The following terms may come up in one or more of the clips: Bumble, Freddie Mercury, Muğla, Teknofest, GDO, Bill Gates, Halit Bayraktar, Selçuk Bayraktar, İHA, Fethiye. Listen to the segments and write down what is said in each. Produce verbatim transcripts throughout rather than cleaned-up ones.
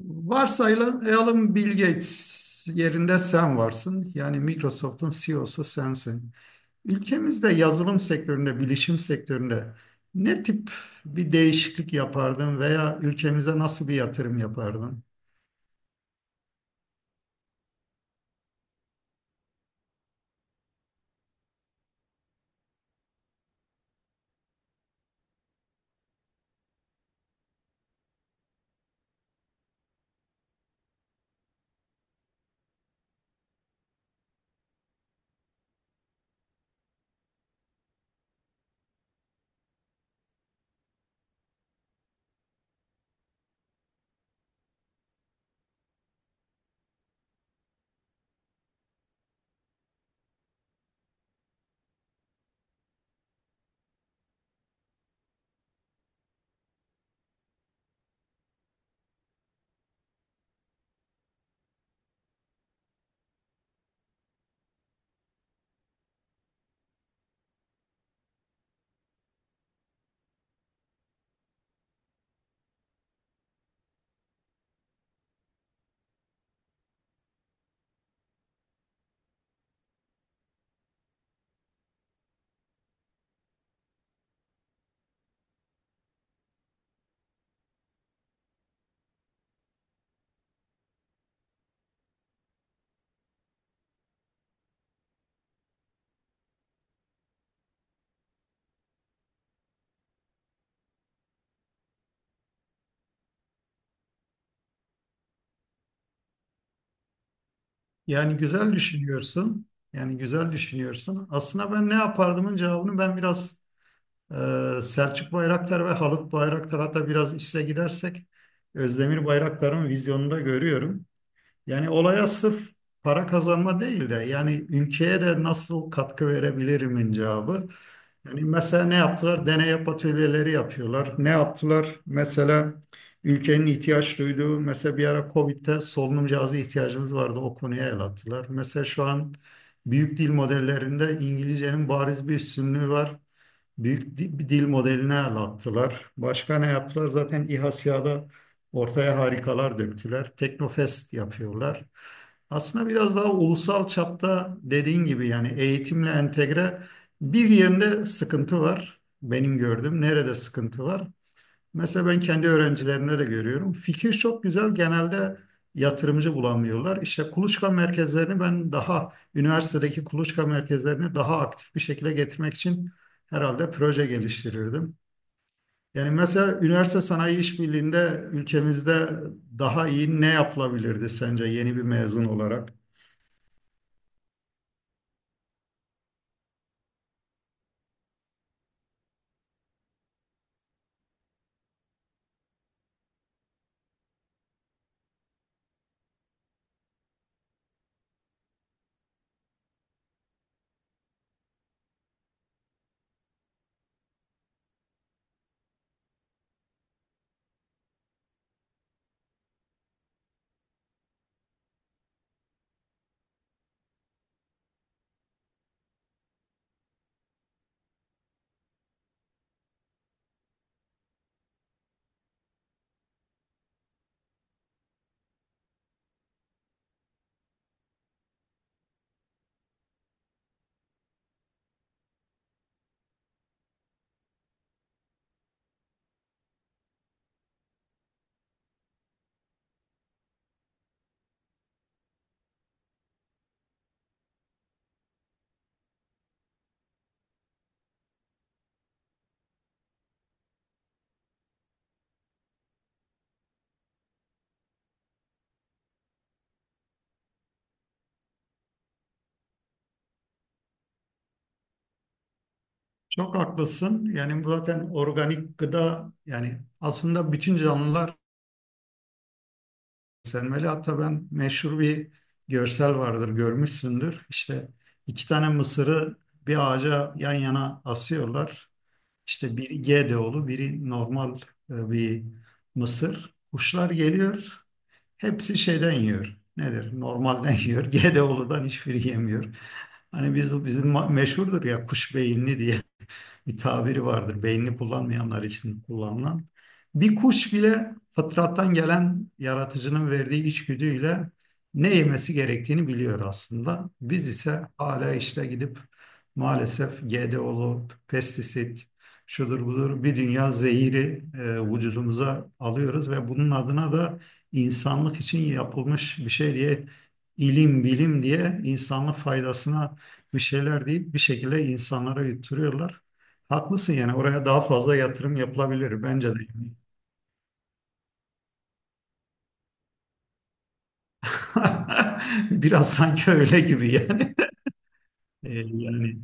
Varsayalım Bill Gates yerinde sen varsın. Yani Microsoft'un C E O'su sensin. Ülkemizde yazılım sektöründe, bilişim sektöründe ne tip bir değişiklik yapardın veya ülkemize nasıl bir yatırım yapardın? Yani güzel düşünüyorsun. Yani güzel düşünüyorsun. Aslında ben ne yapardımın cevabını ben biraz e, Selçuk Bayraktar ve Halit Bayraktar hatta biraz üste gidersek Özdemir Bayraktar'ın vizyonunda görüyorum. Yani olaya sırf para kazanma değil de yani ülkeye de nasıl katkı verebilirimin cevabı. Yani mesela ne yaptılar? Deney atölyeleri yapıyorlar. Ne yaptılar? Mesela ülkenin ihtiyaç duyduğu, mesela bir ara Covid'de solunum cihazı ihtiyacımız vardı. O konuya el attılar. Mesela şu an büyük dil modellerinde İngilizcenin bariz bir üstünlüğü var. Büyük di- bir dil modeline el attılar. Başka ne yaptılar? Zaten İHA SİHA'da ortaya harikalar döktüler. Teknofest yapıyorlar. Aslında biraz daha ulusal çapta dediğin gibi yani eğitimle entegre bir yerinde sıkıntı var. Benim gördüğüm nerede sıkıntı var? Mesela ben kendi öğrencilerimde de görüyorum. Fikir çok güzel. Genelde yatırımcı bulamıyorlar. İşte kuluçka merkezlerini ben daha üniversitedeki kuluçka merkezlerini daha aktif bir şekilde getirmek için herhalde proje geliştirirdim. Yani mesela üniversite sanayi işbirliğinde ülkemizde daha iyi ne yapılabilirdi sence yeni bir mezun olarak? Çok haklısın. Yani bu zaten organik gıda yani aslında bütün canlılar Selmeli. Hatta ben meşhur bir görsel vardır görmüşsündür. İşte iki tane mısırı bir ağaca yan yana asıyorlar. İşte biri G D olu biri normal e, bir mısır. Kuşlar geliyor hepsi şeyden yiyor. Nedir? Normalden yiyor. G GDO'ludan hiçbiri yemiyor. Hani biz, bizim ma- meşhurdur ya kuş beyinli diye bir tabiri vardır. Beynini kullanmayanlar için kullanılan. Bir kuş bile fıtrattan gelen yaratıcının verdiği içgüdüyle ne yemesi gerektiğini biliyor aslında. Biz ise hala işte gidip maalesef G D O'lu pestisit, şudur budur bir dünya zehiri e, vücudumuza alıyoruz ve bunun adına da insanlık için yapılmış bir şey diye ilim bilim diye insanlık faydasına bir şeyler deyip bir şekilde insanlara yutturuyorlar. Haklısın yani oraya daha fazla yatırım yapılabilir bence de, yani. Biraz sanki öyle gibi yani. Ee, yani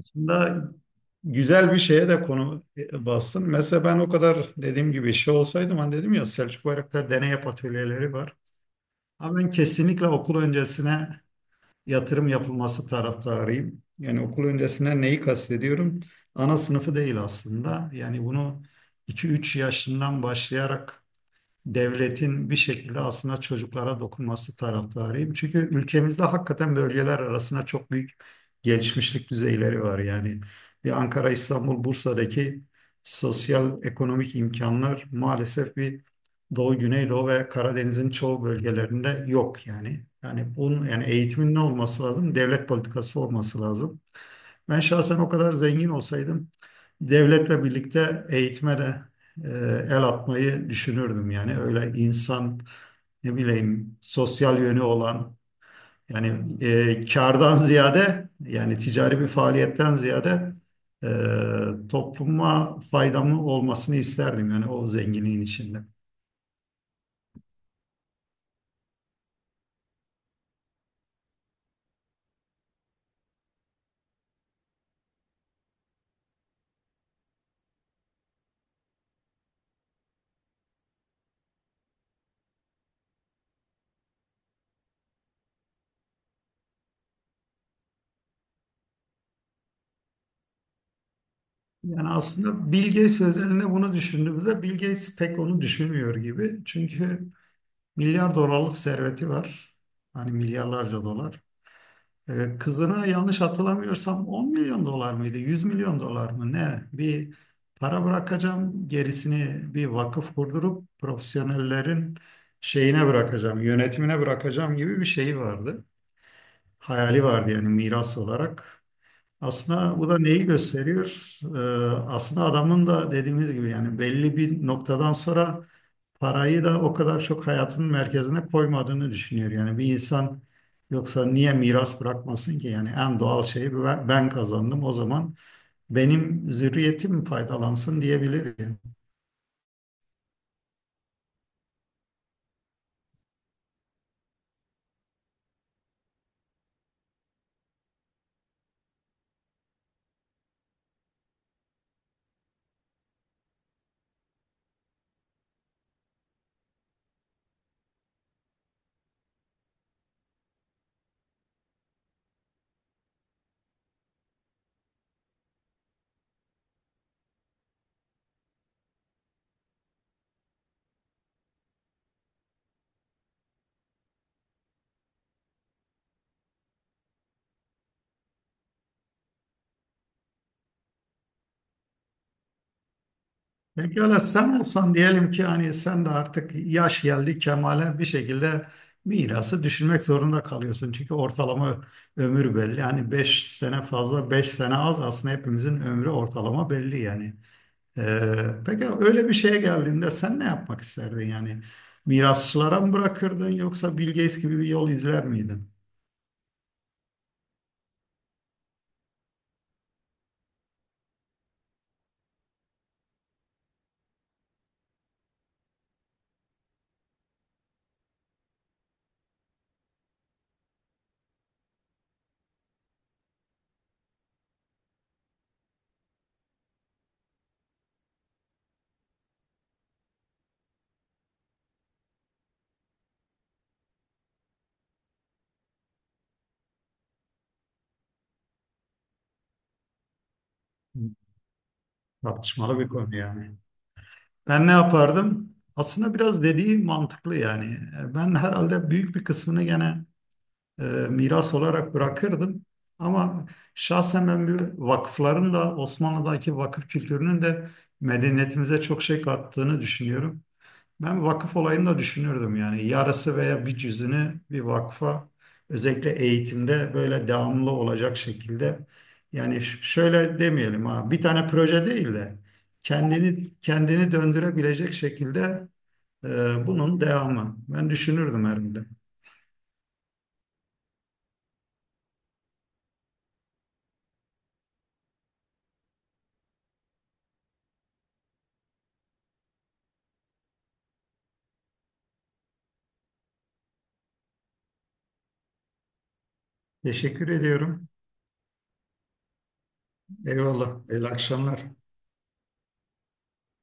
aslında güzel bir şeye de konu e, bastın. Mesela ben o kadar dediğim gibi şey olsaydım hani dedim ya Selçuk Bayraktar deney yap atölyeleri var. Ama ben kesinlikle okul öncesine yatırım yapılması taraftarıyım. Yani okul öncesine neyi kastediyorum? Ana sınıfı değil aslında. Yani bunu iki üç yaşından başlayarak devletin bir şekilde aslında çocuklara dokunması taraftarıyım. Çünkü ülkemizde hakikaten bölgeler arasında çok büyük gelişmişlik düzeyleri var. Yani bir Ankara, İstanbul, Bursa'daki sosyal ekonomik imkanlar maalesef bir Doğu, Güneydoğu ve Karadeniz'in çoğu bölgelerinde yok yani. Yani bunun yani eğitimin ne olması lazım? Devlet politikası olması lazım. Ben şahsen o kadar zengin olsaydım devletle birlikte eğitime de e, el atmayı düşünürdüm. Yani öyle insan ne bileyim sosyal yönü olan yani e, kardan ziyade yani ticari bir faaliyetten ziyade e, topluma faydamı olmasını isterdim yani o zenginliğin içinde. Yani aslında Bill Gates özelinde bunu düşündüğümüzde Bill Gates pek onu düşünmüyor gibi. Çünkü milyar dolarlık serveti var. Hani milyarlarca dolar. Ee, kızına yanlış hatırlamıyorsam on milyon dolar mıydı? yüz milyon dolar mı? Ne? Bir para bırakacağım. Gerisini bir vakıf kurdurup profesyonellerin şeyine bırakacağım, yönetimine bırakacağım gibi bir şey vardı. Hayali vardı yani miras olarak. Aslında bu da neyi gösteriyor? Ee, aslında adamın da dediğimiz gibi yani belli bir noktadan sonra parayı da o kadar çok hayatının merkezine koymadığını düşünüyor. Yani bir insan yoksa niye miras bırakmasın ki? Yani en doğal şeyi ben, ben kazandım o zaman benim zürriyetim faydalansın diyebilir, yani. Pekala sen olsan diyelim ki hani sen de artık yaş geldi kemale bir şekilde mirası düşünmek zorunda kalıyorsun. Çünkü ortalama ö- ömür belli. Yani beş sene fazla beş sene az aslında hepimizin ömrü ortalama belli yani. Ee, peki öyle bir şeye geldiğinde sen ne yapmak isterdin yani? Mirasçılara mı bırakırdın yoksa Bill Gates gibi bir yol izler miydin? Tartışmalı bir konu yani. Ben ne yapardım? Aslında biraz dediği mantıklı yani. Ben herhalde büyük bir kısmını gene e, miras olarak bırakırdım. Ama şahsen ben bir vakıfların da Osmanlı'daki vakıf kültürünün de medeniyetimize çok şey kattığını düşünüyorum. Ben vakıf olayını da düşünürdüm yani yarısı veya bir cüzünü bir vakfa özellikle eğitimde böyle devamlı olacak şekilde yani ş- şöyle demeyelim ha bir tane proje değil de kendini kendini döndürebilecek şekilde e, bunun devamı. Ben düşünürdüm herhalde. Teşekkür ediyorum. Eyvallah. Hayırlı akşamlar.